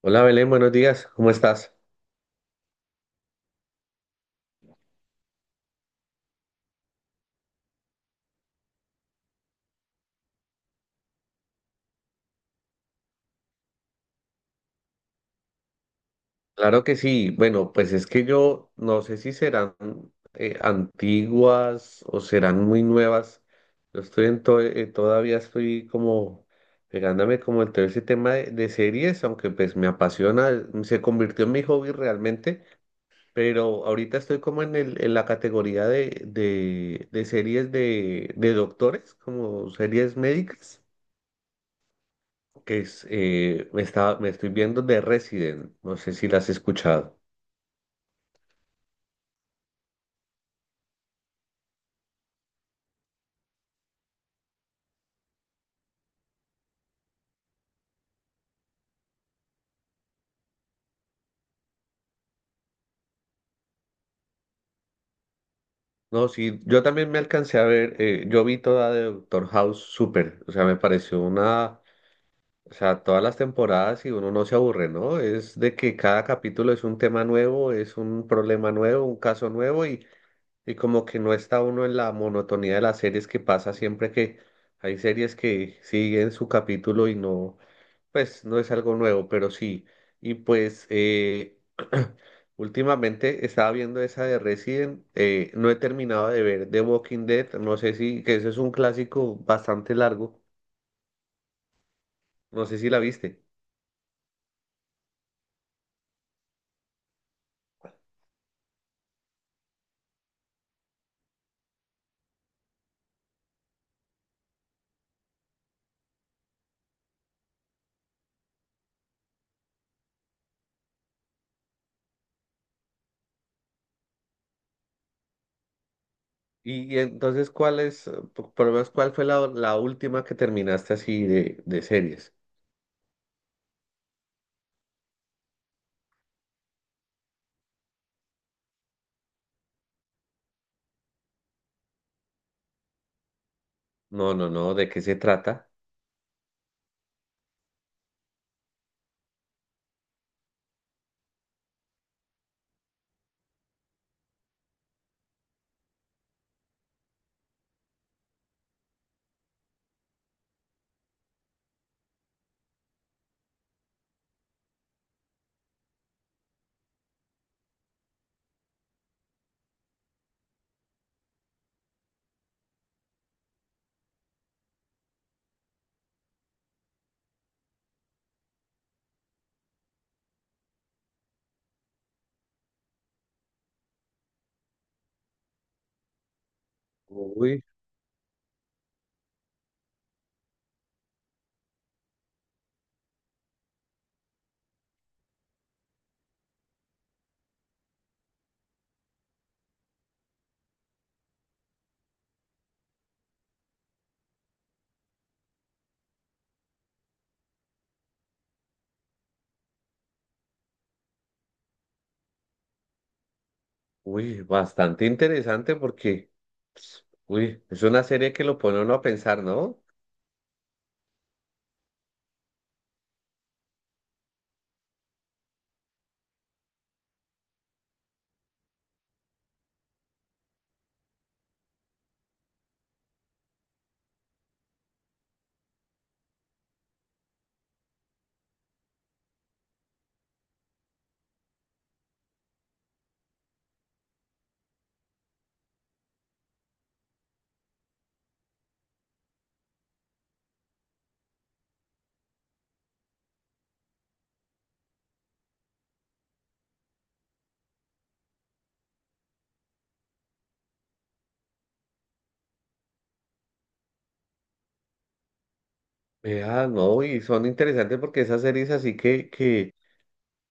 Hola Belén, buenos días, ¿cómo estás? Claro que sí, bueno, pues es que yo no sé si serán antiguas o serán muy nuevas. Yo estoy en to- todavía estoy como pegándome como en todo ese tema de series, aunque pues me apasiona, se convirtió en mi hobby realmente, pero ahorita estoy como en la categoría de series de doctores, como series médicas. Que es, me está, me estoy viendo The Resident, no sé si la has escuchado. No, sí, yo también me alcancé a ver, yo vi toda de Doctor House súper, o sea, me pareció una, o sea, todas las temporadas y uno no se aburre, ¿no? Es de que cada capítulo es un tema nuevo, es un problema nuevo, un caso nuevo y como que no está uno en la monotonía de las series que pasa siempre que hay series que siguen su capítulo y no. Pues no es algo nuevo, pero sí. Y pues últimamente estaba viendo esa de Resident, no he terminado de ver The Walking Dead, no sé si, que eso es un clásico bastante largo, no sé si la viste. Y entonces, ¿cuál es, por lo menos, cuál fue la última que terminaste así de series? No, no, no, ¿de qué se trata? Uy, uy, bastante interesante porque, uy, es una serie que lo pone a uno a pensar, ¿no? Vea, no, y son interesantes porque esas series así que, que,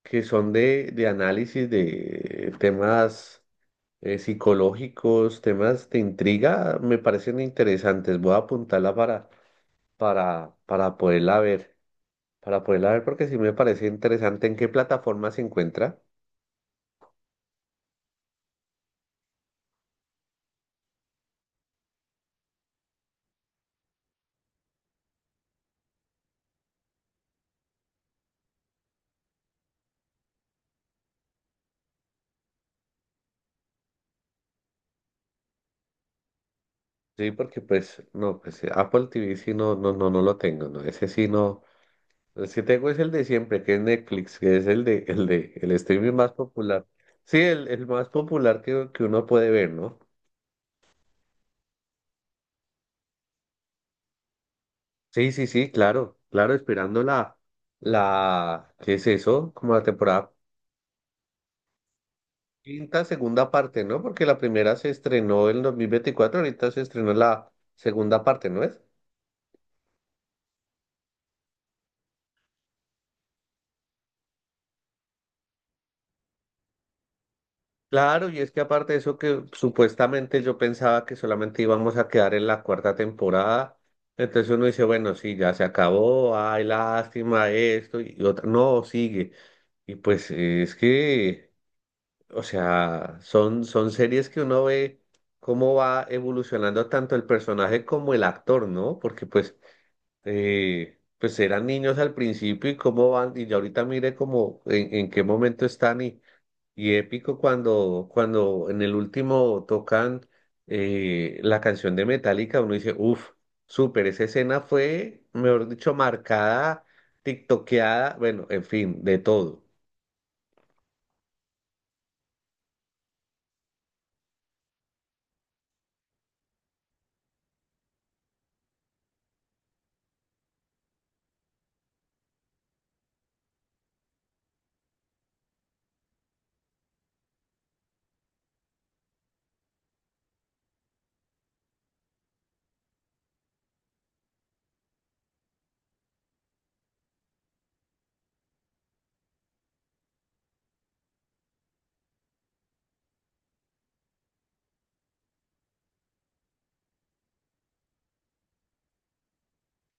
que son de análisis de temas psicológicos, temas de intriga, me parecen interesantes. Voy a apuntarla para, para poderla ver, para poderla ver porque sí me parece interesante en qué plataforma se encuentra. Sí, porque pues, no, pues Apple TV sí no, no, no, no lo tengo, ¿no? Ese sí no. Pues es que tengo es el de siempre, que es Netflix, que es el streaming más popular. Sí, el más popular que uno puede ver, ¿no? Sí, sí, sí, claro, claro, esperando ¿qué es eso? Como la temporada quinta, segunda parte, ¿no? Porque la primera se estrenó en 2024. Ahorita se estrenó la segunda parte, ¿no es? Claro, y es que aparte de eso que supuestamente yo pensaba que solamente íbamos a quedar en la cuarta temporada, entonces uno dice, bueno, sí, ya se acabó, ay, lástima esto, y otra, no, sigue. Y pues es que, o sea, son series que uno ve cómo va evolucionando tanto el personaje como el actor, ¿no? Porque pues, pues eran niños al principio y cómo van, y ya ahorita mire cómo, en qué momento están y... Y épico cuando en el último tocan la canción de Metallica, uno dice, uff, súper, esa escena fue, mejor dicho, marcada, tiktokeada, bueno, en fin, de todo.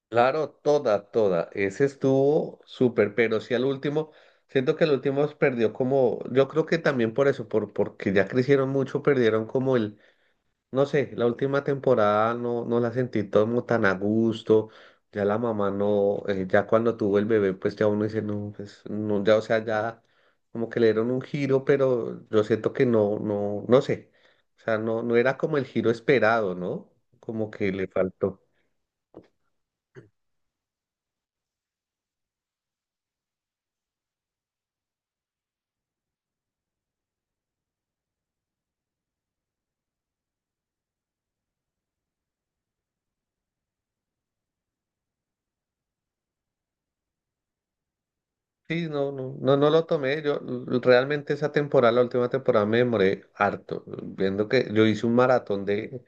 Claro, toda, toda. Ese estuvo súper, pero sí al último, siento que el último perdió como, yo creo que también por eso, porque ya crecieron mucho, perdieron como el. No sé, la última temporada no la sentí todo como tan a gusto. Ya la mamá no, ya cuando tuvo el bebé, pues ya uno dice, no, pues no, ya, o sea, ya como que le dieron un giro, pero yo siento que no, no, no sé. O sea, no, no era como el giro esperado, ¿no? Como que le faltó. Sí, no, no, no, no lo tomé. Yo realmente esa temporada, la última temporada, me demoré harto. Viendo que yo hice un maratón de.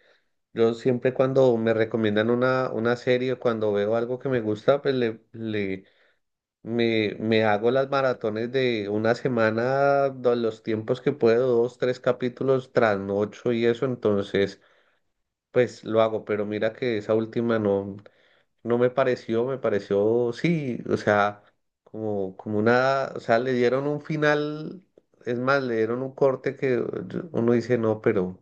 Yo siempre cuando me recomiendan una serie, cuando veo algo que me gusta, pues me hago las maratones de una semana, los tiempos que puedo, dos, tres capítulos tras noche y eso, entonces pues lo hago, pero mira que esa última no, no me pareció, me pareció, sí, o sea, como una, o sea, le dieron un final, es más, le dieron un corte que uno dice, no, pero.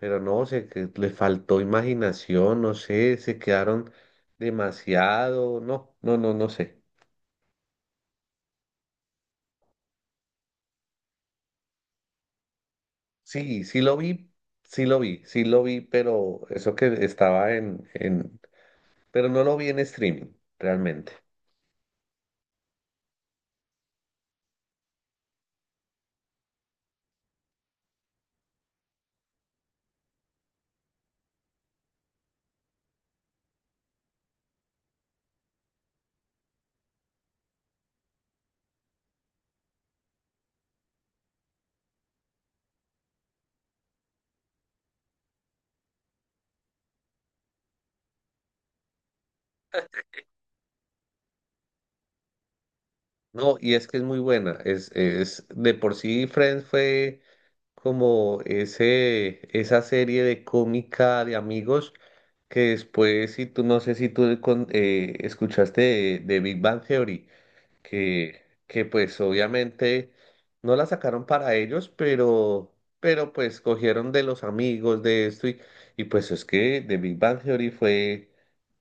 Pero no, sé que le faltó imaginación, no sé, se quedaron demasiado, no, no, no, no sé. Sí, sí lo vi, sí lo vi, sí lo vi, pero eso que estaba en, pero no lo vi en streaming, realmente. No, y es que es muy buena, de por sí Friends fue como esa serie de cómica de amigos que después, si tú, no sé si tú escuchaste de Big Bang Theory. Que pues obviamente no la sacaron para ellos, pero pues cogieron de los amigos de esto y pues es que The Big Bang Theory fue,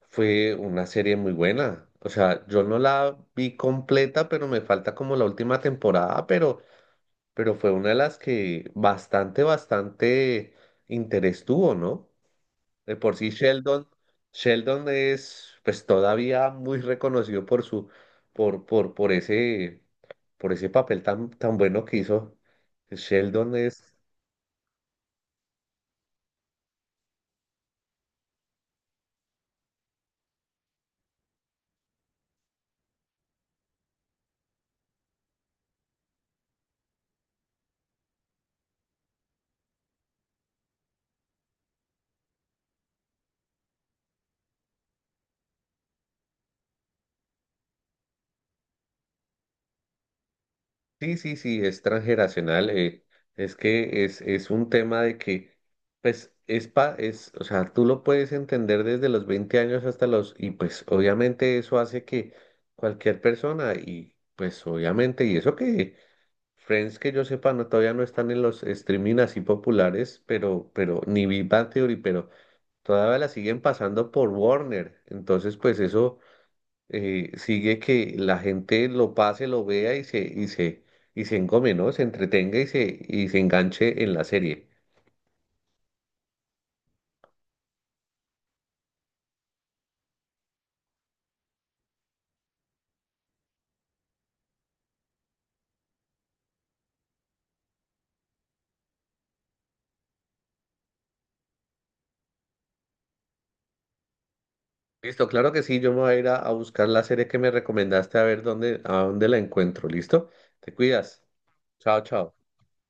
fue una serie muy buena. O sea, yo no la vi completa, pero me falta como la última temporada, pero fue una de las que bastante, bastante interés tuvo, ¿no? De por sí Sheldon, Sheldon es pues todavía muy reconocido por su, por, por, por ese, por ese papel tan, tan bueno que hizo. Sheldon es, sí, sí, sí, es transgeneracional. Es que es un tema de que, pues, o sea, tú lo puedes entender desde los 20 años hasta los, y pues obviamente eso hace que cualquier persona, y pues obviamente, y eso que Friends que yo sepa, no, todavía no están en los streaming así populares, pero ni Big Bang Theory, pero todavía la siguen pasando por Warner. Entonces, pues eso sigue que la gente lo pase, lo vea y se engome, ¿no? Se entretenga y se enganche en la serie. Listo, claro que sí, yo me voy a ir a buscar la serie que me recomendaste a ver a dónde la encuentro. ¿Listo? Te cuidas. Chao, chao.